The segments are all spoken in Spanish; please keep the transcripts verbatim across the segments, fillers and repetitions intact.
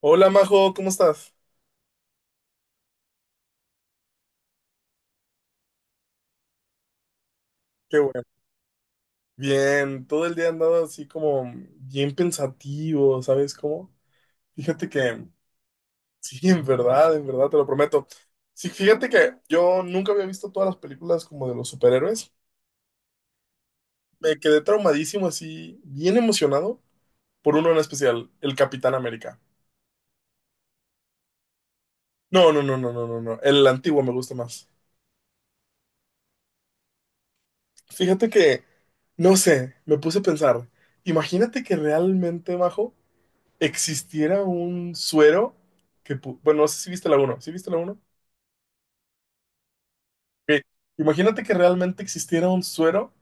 Hola Majo, ¿cómo estás? Qué bueno. Bien, todo el día he andado así como bien pensativo, ¿sabes cómo? Fíjate que, sí, en verdad, en verdad, te lo prometo. Sí, fíjate que yo nunca había visto todas las películas como de los superhéroes. Me quedé traumadísimo así, bien emocionado por uno en especial, el Capitán América. No, no, no, no, no, no, no, el antiguo me gusta más. Fíjate que, no sé, me puse a pensar, imagínate que realmente, Majo, existiera un suero que, pu- bueno, no sé si viste la uno, ¿sí viste la uno? Ok, imagínate que realmente existiera un suero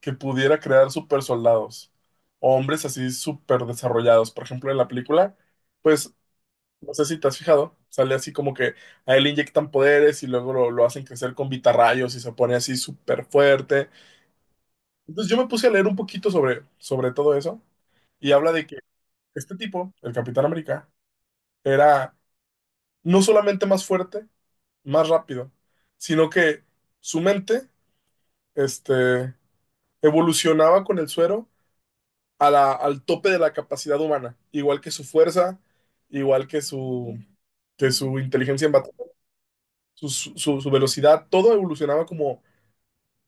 que pudiera crear super soldados o hombres así super desarrollados. Por ejemplo, en la película, pues, no sé si te has fijado, sale así como que a él le inyectan poderes y luego lo, lo hacen crecer con vitarrayos y se pone así súper fuerte. Entonces yo me puse a leer un poquito sobre, sobre todo eso y habla de que este tipo, el Capitán América, era no solamente más fuerte, más rápido, sino que su mente, este, evolucionaba con el suero a la- al tope de la capacidad humana, igual que su fuerza, igual que su, que su inteligencia en batalla, su, su- su velocidad, todo evolucionaba como,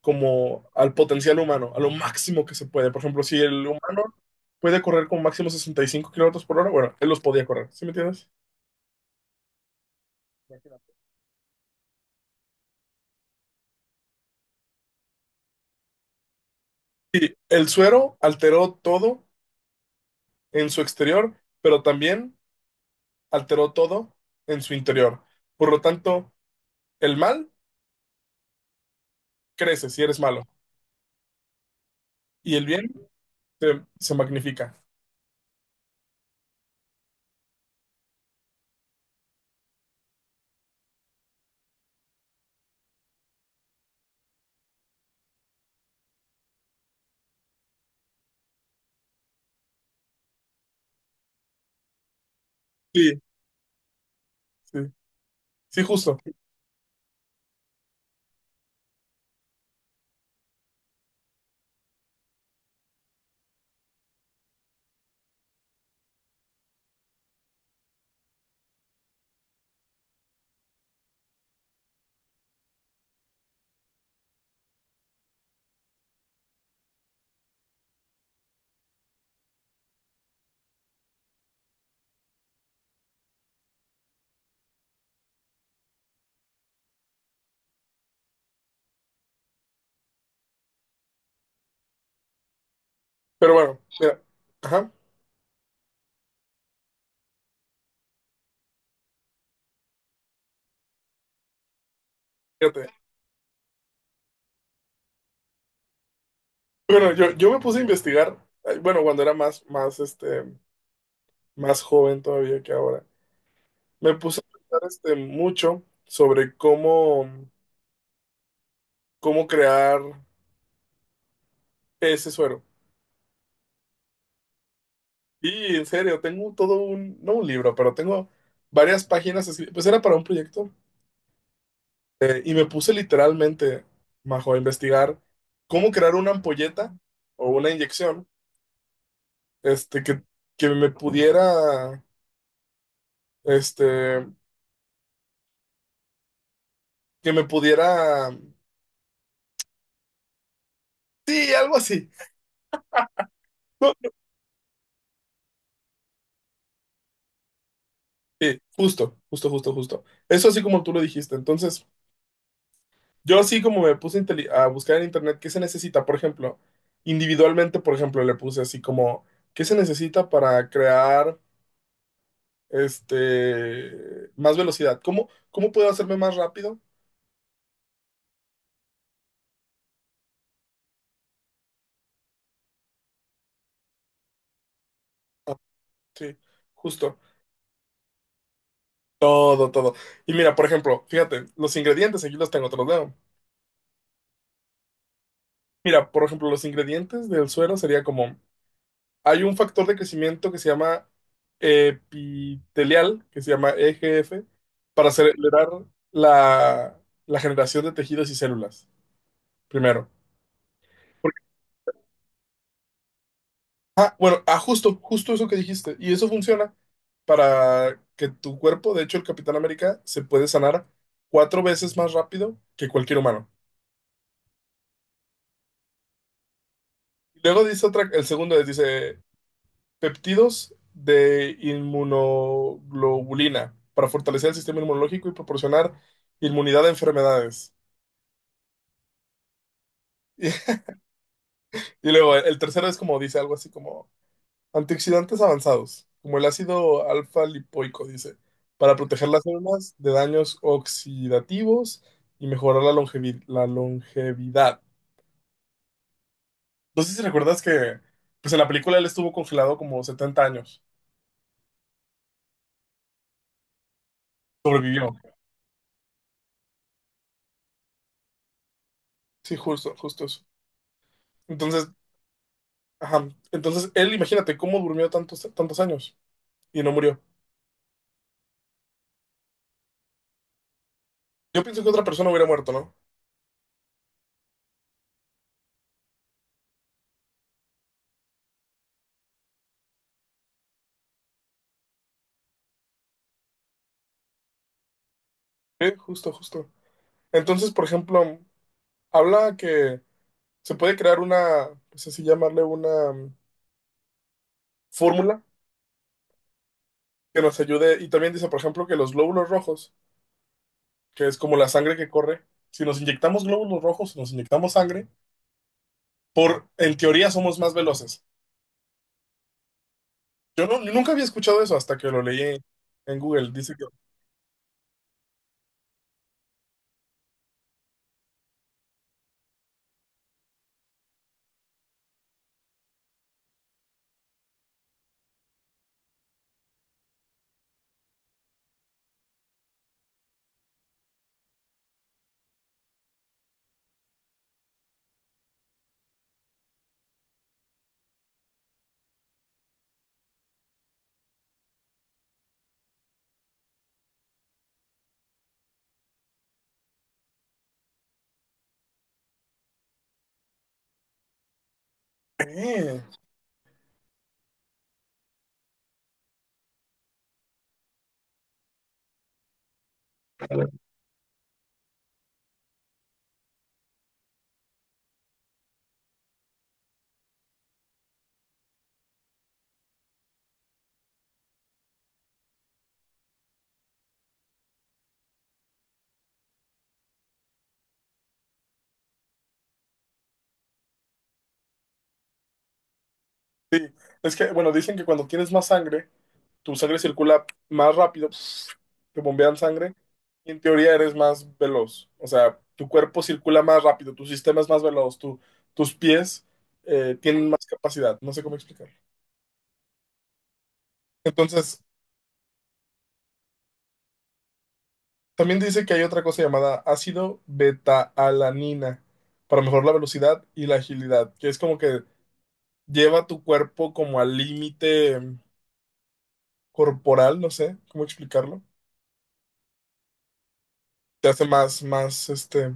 como al potencial humano, a lo máximo que se puede. Por ejemplo, si el humano puede correr con máximo sesenta y cinco kilómetros por hora, bueno, él los podía correr, ¿sí me entiendes? Y el suero alteró todo en su exterior, pero también alteró todo en su interior. Por lo tanto, el mal crece si eres malo y el bien se, se magnifica. Sí, sí, sí, justo. Pero bueno, mira, ajá, fíjate. Bueno, yo, yo me puse a investigar, eh, bueno, cuando era más, más, este, más joven todavía que ahora, me puse a pensar este, mucho sobre cómo, cómo, crear ese suero. Y en serio, tengo todo un, no un libro, pero tengo varias páginas, escri- pues era para un proyecto. Eh, y me puse literalmente, Majo, a investigar cómo crear una ampolleta o una inyección, este, que, que me pudiera, este, que me pudiera, sí, algo así. No, sí, justo, justo, justo, justo. Eso así como tú lo dijiste. Entonces, yo así como me puse inteli- a buscar en internet qué se necesita, por ejemplo, individualmente, por ejemplo, le puse así como, ¿qué se necesita para crear, este, más velocidad? ¿Cómo, cómo puedo hacerme más rápido? Sí, justo. Todo, todo. Y mira, por ejemplo, fíjate, los ingredientes, aquí los tengo, te los leo. Mira, por ejemplo, los ingredientes del suero sería como, hay un factor de crecimiento que se llama epitelial, que se llama E G F, para acelerar la, la generación de tejidos y células, primero. Porque, ah, bueno, ah, justo, justo eso que dijiste. Y eso funciona para que tu cuerpo, de hecho, el Capitán América se puede sanar cuatro veces más rápido que cualquier humano. Y Luego dice otra, el segundo es, dice peptidos de inmunoglobulina para fortalecer el sistema inmunológico y proporcionar inmunidad a enfermedades. Y luego el tercero es como dice algo así como antioxidantes avanzados, como el ácido alfa lipoico, dice, para proteger las células de daños oxidativos y mejorar la longevi- la longevidad. No sé si recuerdas que pues en la película él estuvo congelado como setenta años, sobrevivió. Sí, justo, justo eso. Entonces, ajá. Entonces, él, imagínate cómo durmió tantos, tantos años y no murió. Yo pienso que otra persona hubiera muerto, ¿no? Sí, justo, justo. Entonces, por ejemplo, habla que se puede crear una, no sé si llamarle una mm, fórmula que nos ayude. Y también dice, por ejemplo, que los glóbulos rojos, que es como la sangre que corre, si nos inyectamos glóbulos rojos, si nos inyectamos sangre, por, en teoría somos más veloces. Yo, no, yo nunca había escuchado eso hasta que lo leí en Google. Dice que... "Eh". Es que, bueno, dicen que cuando tienes más sangre tu sangre circula más rápido, te bombean sangre, y en teoría eres más veloz. O sea, tu cuerpo circula más rápido, tu sistema es más veloz, tu- tus pies eh, tienen más capacidad. No sé cómo explicarlo. Entonces, también dice que hay otra cosa llamada ácido beta-alanina para mejorar la velocidad y la agilidad, que es como que lleva tu cuerpo como al límite corporal, no sé cómo explicarlo. Te hace más, más, este,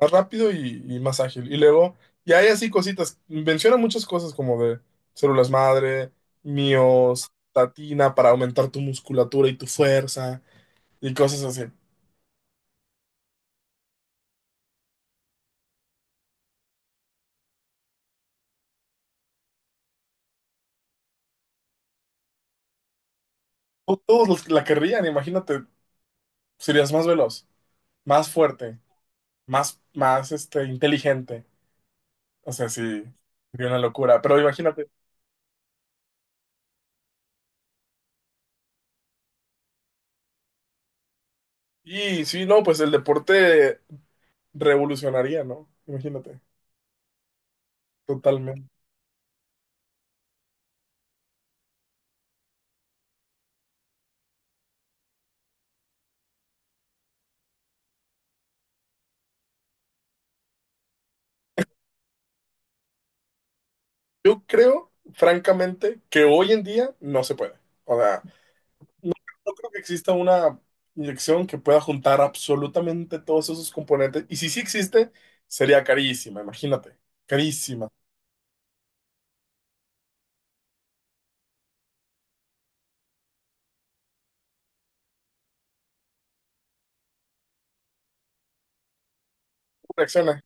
más rápido y, y más ágil. Y luego, y hay así cositas, menciona muchas cosas como de células madre, miostatina para aumentar tu musculatura y tu fuerza y cosas así. To- Todos los que la querrían, imagínate, serías más veloz, más fuerte, más, más este, inteligente. O sea, sí, sería una locura, pero imagínate. Y sí, no, pues el deporte revolucionaría, ¿no? Imagínate, totalmente. Yo creo, francamente, que hoy en día no se puede. O sea, no creo que exista una inyección que pueda juntar absolutamente todos esos componentes. Y si sí existe, sería carísima, imagínate. Carísima. ¿Cómo reacciona?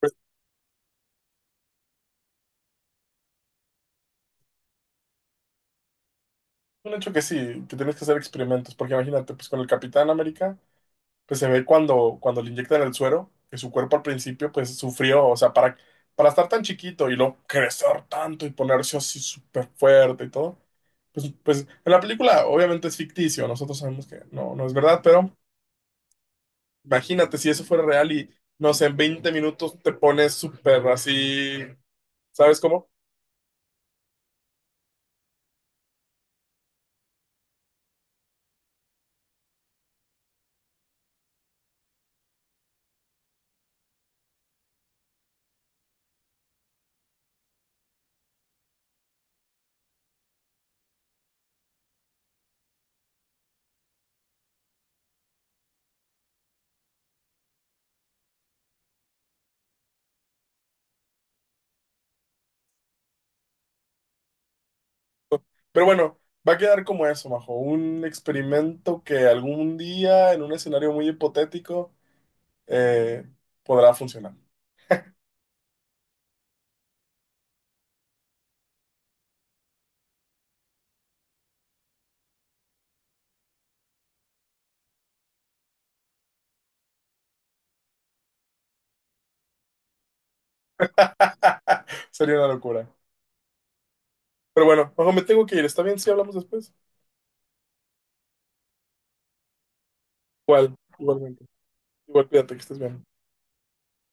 Pues es un hecho que sí, que tienes que hacer experimentos, porque imagínate, pues con el Capitán América pues se ve cuando, cuando le inyectan el suero, que su cuerpo al principio pues sufrió, o sea, para, para estar tan chiquito y luego crecer tanto y ponerse así súper fuerte y todo, pues, pues en la película obviamente es ficticio, nosotros sabemos que no, no es verdad, pero imagínate si eso fuera real y no sé, en veinte minutos te pones súper así, ¿sabes cómo? Pero bueno. Va a quedar como eso, Majo, un experimento que algún día en un escenario muy hipotético eh, podrá funcionar. Sería una locura. Pero bueno, ojo, me tengo que ir. ¿Está bien si hablamos después? Igual, igualmente. Igual, cuídate, que estés bien.